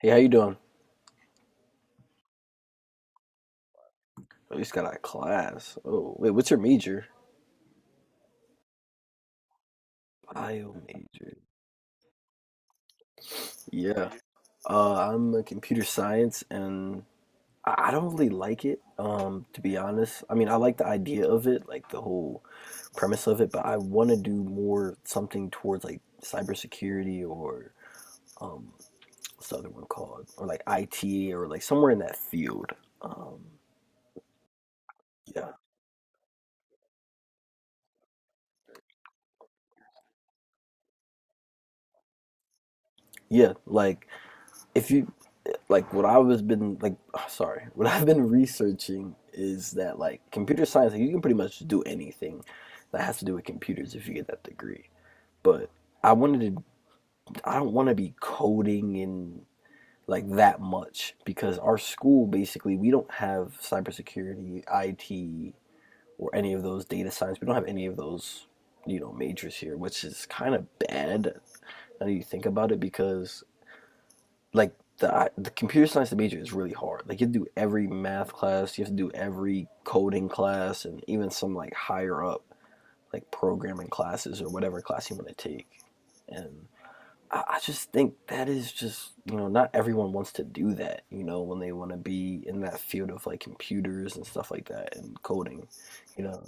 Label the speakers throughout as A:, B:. A: Hey, how you doing? Oh, you just got out of class. Oh, wait, what's your major? Bio major. Yeah. I'm a computer science, and I don't really like it. To be honest, I mean, I like the idea of it, like the whole premise of it, but I want to do more something towards like cybersecurity or um, what's the other one called, or like IT or like somewhere in that field. Um, yeah, yeah. Like if you like what I was been like sorry, what I've been researching is that like computer science, like you can pretty much do anything that has to do with computers if you get that degree. But I wanted to I don't want to be coding and like that much because our school basically we don't have cybersecurity, IT, or any of those data science. We don't have any of those, majors here, which is kind of bad now that you think about it because the computer science major is really hard. Like you have to do every math class, you have to do every coding class, and even some like higher up like programming classes or whatever class you want to take. And I just think that is just not everyone wants to do that. You know when they want to be in that field of like computers and stuff like that and coding. You know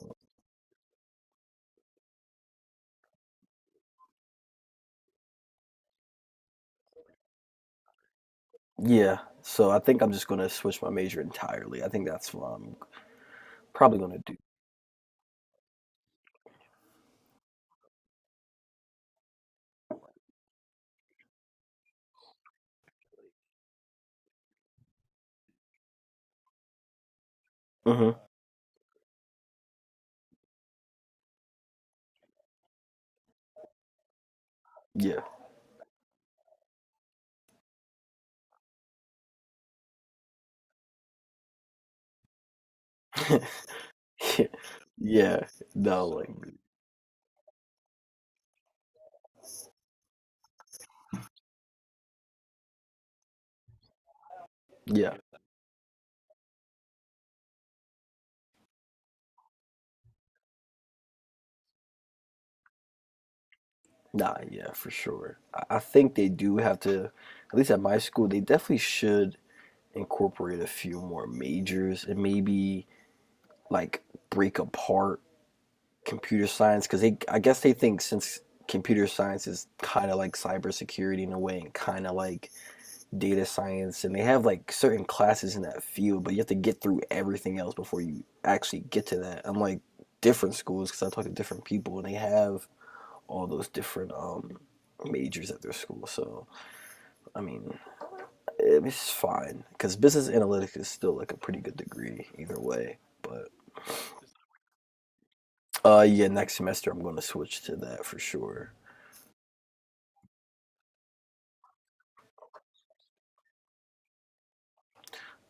A: yeah. So I think I'm just gonna switch my major entirely. I think that's what I'm probably gonna do. Hmm. Yeah. Yeah, no, So, like, yeah, nah, yeah, for sure. I think they do have to, at least at my school, they definitely should incorporate a few more majors and maybe like break apart computer science because I guess they think since computer science is kind of like cybersecurity in a way and kind of like data science, and they have like certain classes in that field, but you have to get through everything else before you actually get to that. Unlike different schools, because I talk to different people and they have all those different majors at their school. So I mean, it's fine because business analytics is still like a pretty good degree either way. But yeah, next semester I'm going to switch to that for sure.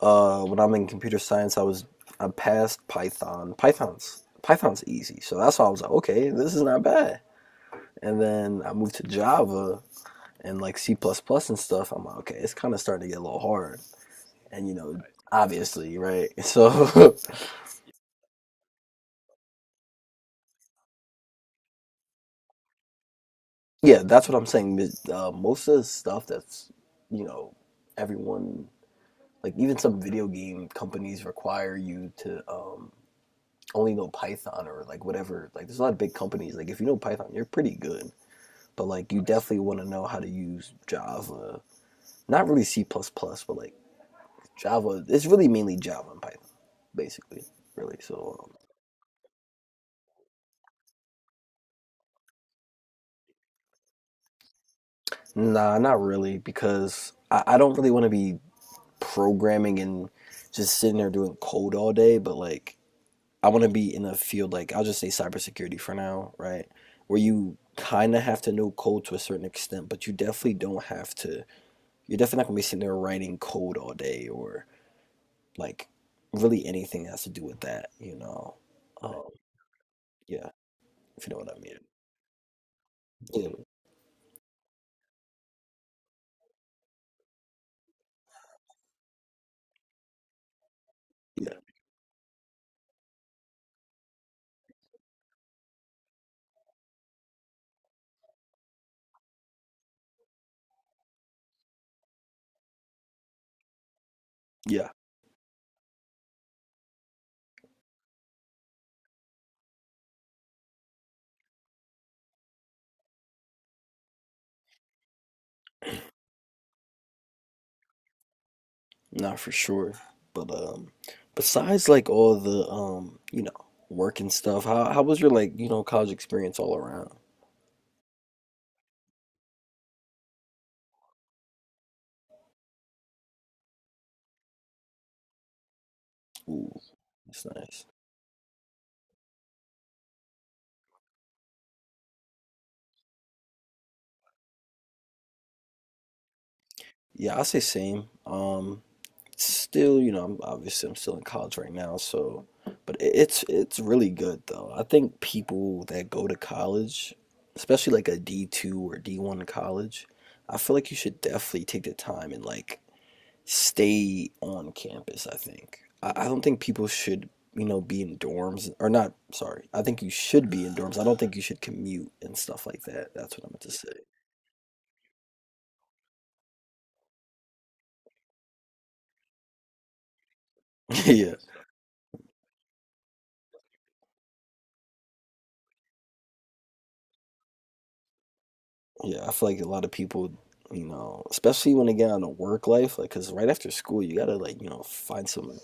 A: When I'm in computer science, I passed Python. Python's easy, so that's why I was like, okay, this is not bad. And then I moved to Java and like C++ plus plus and stuff. I'm like, okay, it's kind of starting to get a little hard. And you know, obviously, right? So yeah, that's what I'm saying. Most of the stuff that's, you know, everyone, like even some video game companies require you to only know Python or like whatever. Like there's a lot of big companies. Like if you know Python, you're pretty good. But like you definitely want to know how to use Java. Not really C++, but like Java. It's really mainly Java and Python, basically. Really. So nah, not really because I don't really want to be programming and just sitting there doing code all day. But like I want to be in a field like I'll just say cybersecurity for now, right? Where you kind of have to know code to a certain extent, but you definitely don't have to. You're definitely not gonna be sitting there writing code all day or like really anything that has to do with that, you know? Um, yeah, if you know what I mean. Yeah, yeah, yeah, not for sure. But besides like all the work and stuff, how was your like college experience all around? Ooh, that's nice. Yeah, I say same. Still, I'm still in college right now, so it's really good though. I think people that go to college, especially like a D2 or D1 college, I feel like you should definitely take the time and stay on campus, I think. I don't think people should, be in dorms or not, sorry. I think you should be in dorms. I don't think you should commute and stuff like that. That's what I meant to say. Yeah. Yeah, I feel like a lot of people, especially when they get on a work life, like, cause right after school, you gotta like, find some, you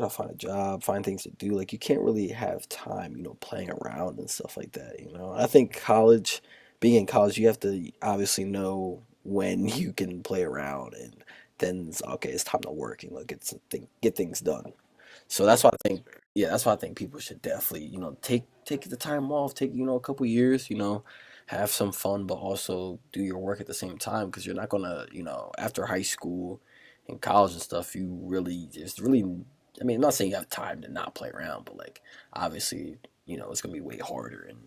A: gotta find a job, find things to do. Like, you can't really have time, playing around and stuff like that. I think being in college, you have to obviously know when you can play around, and then it's, okay, it's time to work and like, get things done. So that's why I think, yeah, that's why I think people should definitely, take the time off, take a couple years, have some fun, but also do your work at the same time because you're not gonna, after high school and college and stuff, you really it's really, I mean, I'm not saying you have time to not play around, but like obviously, it's gonna be way harder and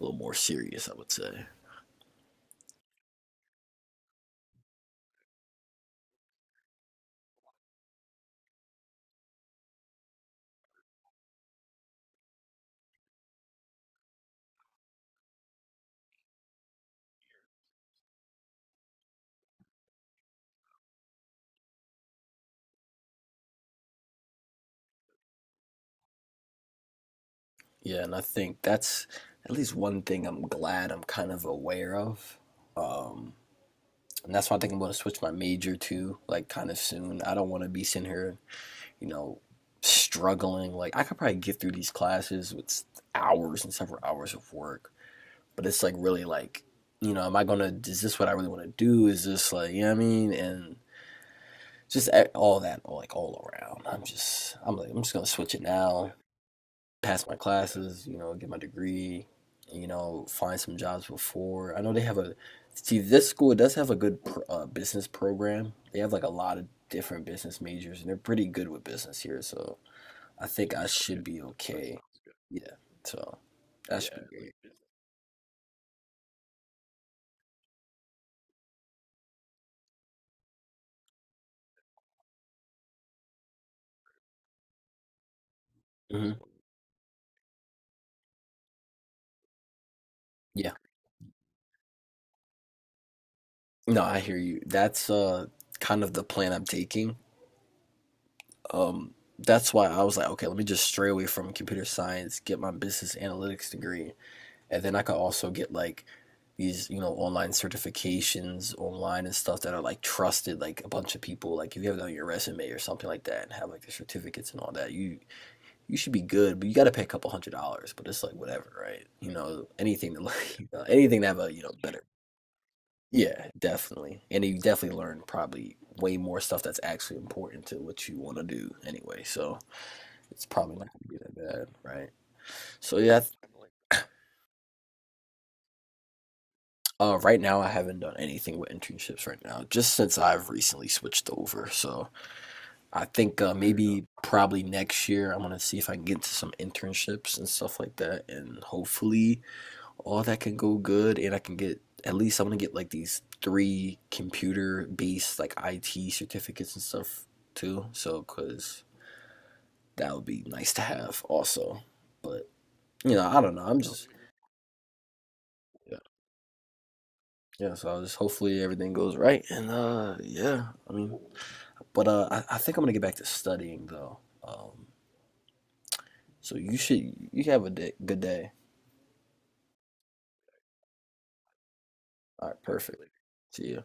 A: a little more serious, I would say. Yeah, and I think that's at least one thing I'm glad I'm kind of aware of um, And that's why I think I'm going to switch my major to, like, kind of soon. I don't want to be sitting here, you know, struggling. Like, I could probably get through these classes with hours and several hours of work, but it's like really like, am I going to, is this what I really want to do? Is this like, you know what I mean? All that, like, all around. I'm just going to switch it now, pass my classes, get my degree, find some jobs before. I know they have a see this school does have a good business program. They have like a lot of different business majors, and they're pretty good with business here. So I think I That's should good. Be That sounds good. Yeah. So that should be great. like hmm Yeah. No, I hear you. That's kind of the plan I'm taking. That's why I was like, okay, let me just stray away from computer science, get my business analytics degree, and then I could also get like these online certifications online and stuff that are like trusted like a bunch of people like if you have it on your resume or something like that and have like the certificates and all that you should be good, but you got to pay a couple $100, but it's like whatever, right? You know, anything to like anything to have a better yeah, definitely. And you definitely learn probably way more stuff that's actually important to what you want to do anyway, so it's probably not going to be that bad, right? So yeah. Right now, I haven't done anything with internships right now, just since I've recently switched over. So I think maybe probably next year, I'm gonna see if I can get into some internships and stuff like that, and hopefully all that can go good, and I can get at least I'm gonna get like these three computer-based like IT certificates and stuff too. So, cause that would be nice to have also. But you know, I don't know. I'm just yeah, yeah. So I just hopefully everything goes right, and yeah. I think I'm gonna get back to studying though. Um, you have a good day. All right, perfect. See ya.